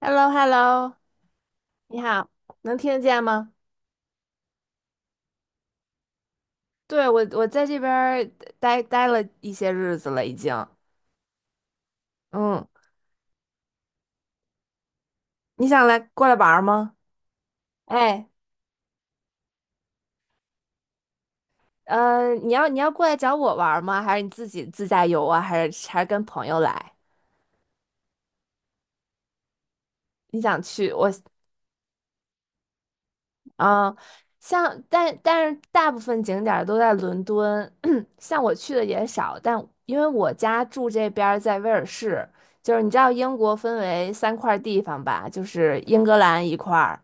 h e l l o Hello 你好，能听得见吗？对，我在这边儿待了一些日子了，已经。嗯，你想来过来玩儿吗？哎，你要过来找我玩儿吗？还是你自己自驾游啊？还是跟朋友来？你想去？我啊，像但是大部分景点儿都在伦敦，像我去的也少，但因为我家住这边儿在威尔士，就是你知道英国分为三块儿地方吧，就是英格兰一块儿，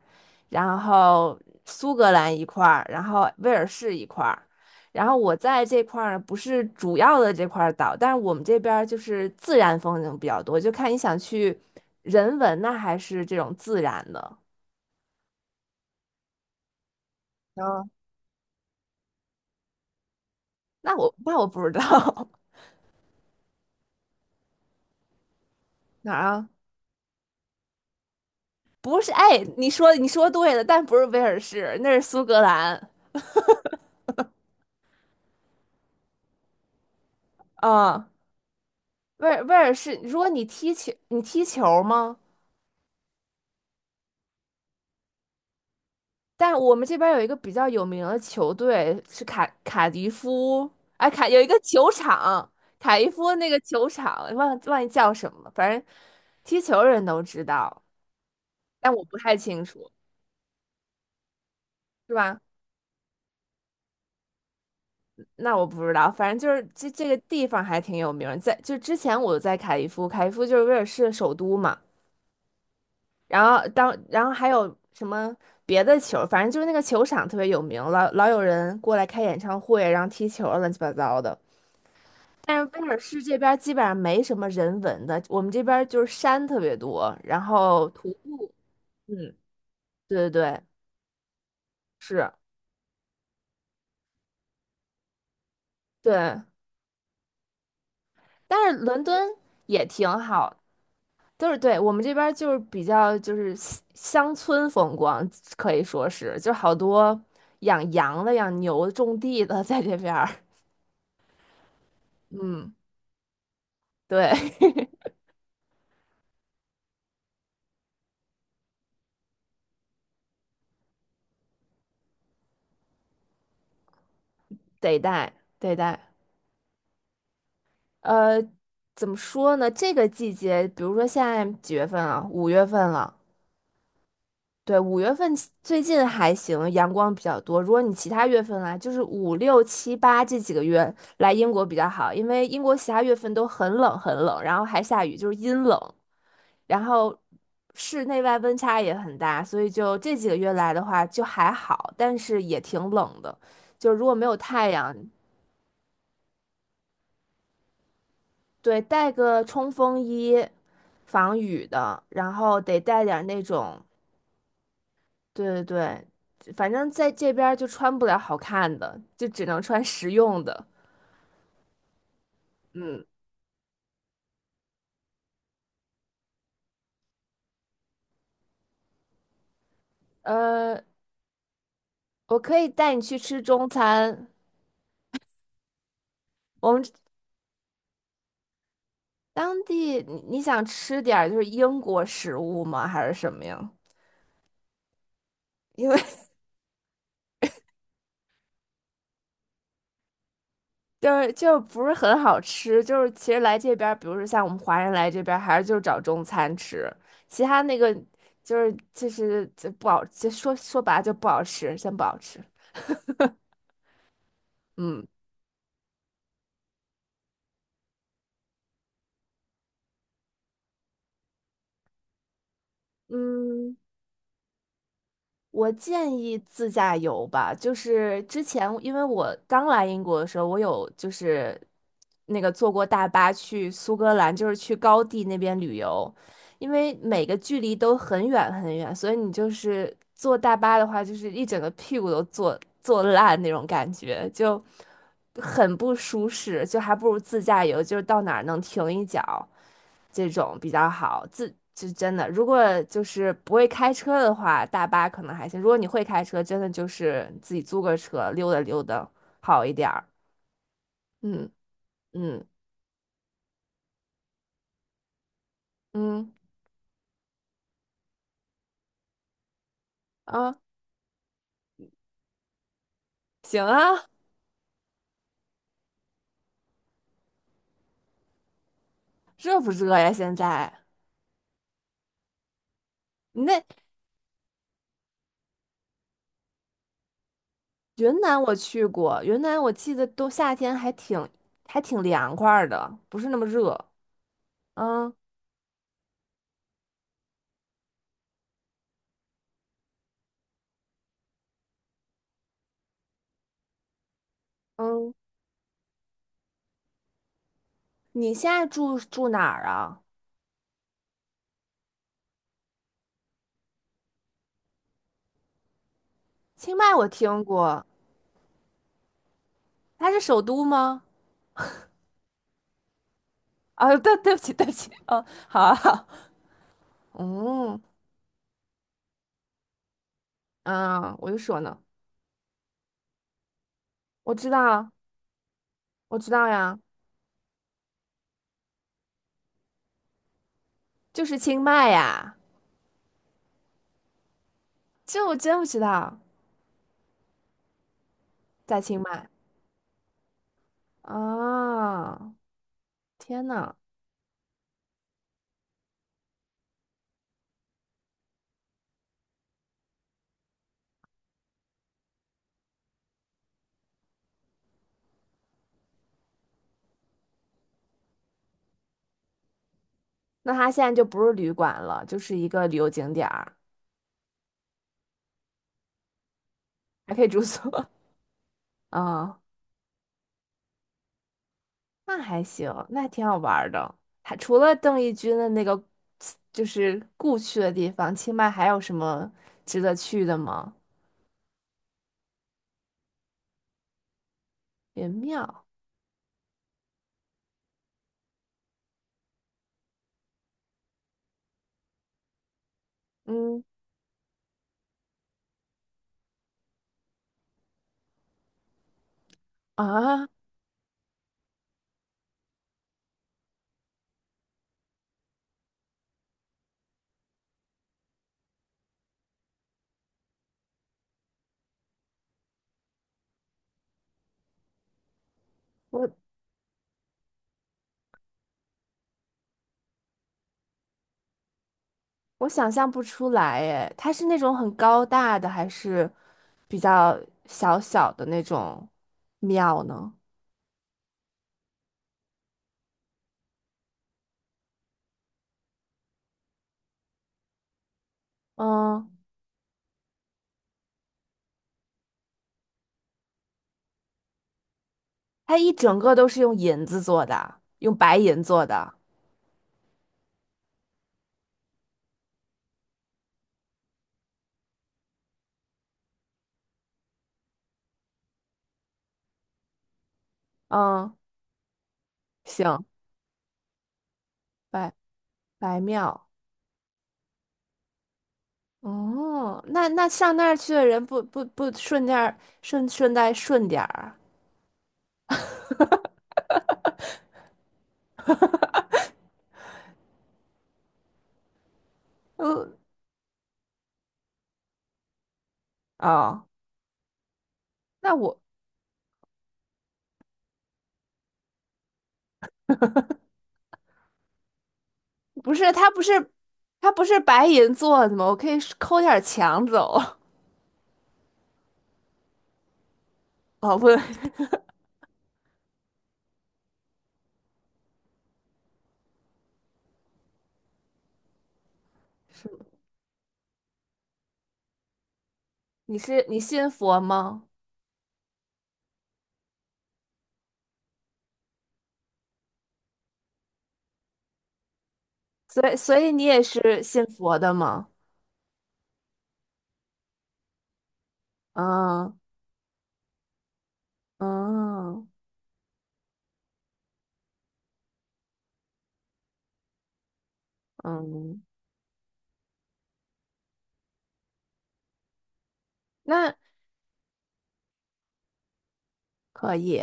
然后苏格兰一块儿，然后威尔士一块儿，然后我在这块儿不是主要的这块儿岛，但是我们这边儿就是自然风景比较多，就看你想去人文呢还是这种自然的。那我不知道。 哪儿啊？不是，哎，你说对了，但不是威尔士，那是苏格兰啊。威尔士，如果你踢球，你踢球吗？但我们这边有一个比较有名的球队是卡迪夫，哎，有一个球场，卡迪夫那个球场，忘记叫什么了，反正踢球人都知道，但我不太清楚，是吧？那我不知道，反正就是这个地方还挺有名儿，在就之前我在凯利夫，凯利夫就是威尔士首都嘛，然后然后还有什么别的球，反正就是那个球场特别有名，老有人过来开演唱会，然后踢球儿乱七八糟的。但是威尔士这边儿基本上没什么人文的，我们这边儿就是山特别多，然后徒步，嗯，对对对，是，对，但是伦敦也挺好。都是对，我们这边儿就是比较就是乡村风光，可以说是，就好多养羊的、养牛的、种地的 在这边儿。嗯，对，得带得带。呃，怎么说呢？这个季节，比如说现在几月份啊？五月份了。对，五月份最近还行，阳光比较多。如果你其他月份来，就是5、6、7、8这几个月来英国比较好，因为英国其他月份都很冷很冷，然后还下雨，就是阴冷。然后室内外温差也很大，所以就这几个月来的话就还好，但是也挺冷的。就如果没有太阳，对，带个冲锋衣，防雨的，然后得带点儿那种，对对对，反正在这边儿就穿不了好看的，就只能穿实用的。嗯，呃，我可以带你去吃中餐，我们当地你想吃点儿就是英国食物吗？还是什么呀？因为就是就不是很好吃，就是其实来这边儿，比如说像我们华人来这边儿，还是就是找中餐吃，其他那个就是其实就不好，就说白了就不好吃，真不好吃。嗯，嗯，我建议自驾游吧，就是之前因为我刚来英国的时候，我有就是那个坐过大巴去苏格兰，就是去高地那边旅游，因为每个距离都很远很远，所以你就是坐大巴的话，就是一整个屁股都坐烂那种感觉，就很不舒适，就还不如自驾游，就是到哪儿能停一脚。这种比较好。就真的，如果就是不会开车的话，大巴可能还行。如果你会开车，真的就是自己租个车溜达溜达好一点儿。嗯嗯嗯啊，行啊，热不热呀？现在你那云南我去过，云南我记得都夏天还挺凉快儿的，不是那么热。嗯嗯，你现在住哪儿啊？清迈我听过，它是首都吗？啊，对，对不起，对不起，哦，好啊好，嗯，啊，我就说呢，我知道，我知道呀，就是清迈呀，这我真不知道，在清迈啊，天呐，那它现在就不是旅馆了，就是一个旅游景点儿，还可以住宿 啊，那还行，那还挺好玩儿的。还除了邓丽君的那个就是故去的地方，清迈还有什么值得去的吗？元庙，嗯啊。我我想象不出来诶，它是那种很高大的，还是比较小小的那种庙呢？嗯，它一整个都是用银子做的，用白银做的。嗯，行，白白庙。哦，那上那儿去的人不不不顺点儿顺带顺点儿，嗯，哦，那我不是，它不是白银做的吗？我可以抠点儿墙走。哦，不 你是你信佛吗？所以你也是信佛的吗？嗯嗯嗯，那可以。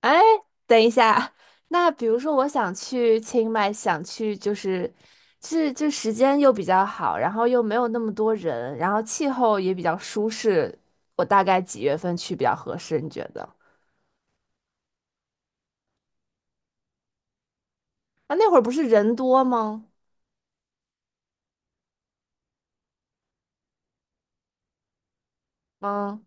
哎，等一下，那比如说我想去清迈，想去就是是这时间又比较好，然后又没有那么多人，然后气候也比较舒适，我大概几月份去比较合适？你觉得？啊，那会儿不是人多吗？嗯，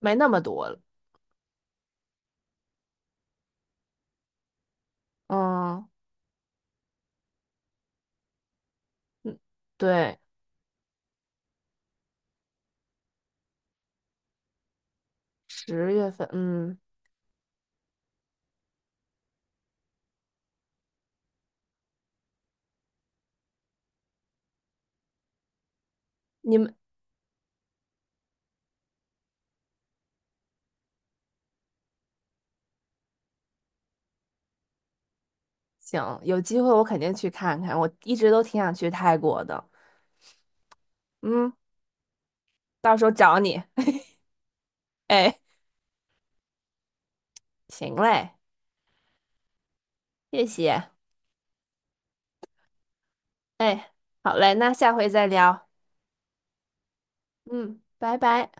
没那么多了。嗯。嗯对，10月份，嗯，你们行，有机会我肯定去看看，我一直都挺想去泰国的。嗯，到时候找你。哎，行嘞，谢谢。哎，好嘞，那下回再聊。嗯，拜拜。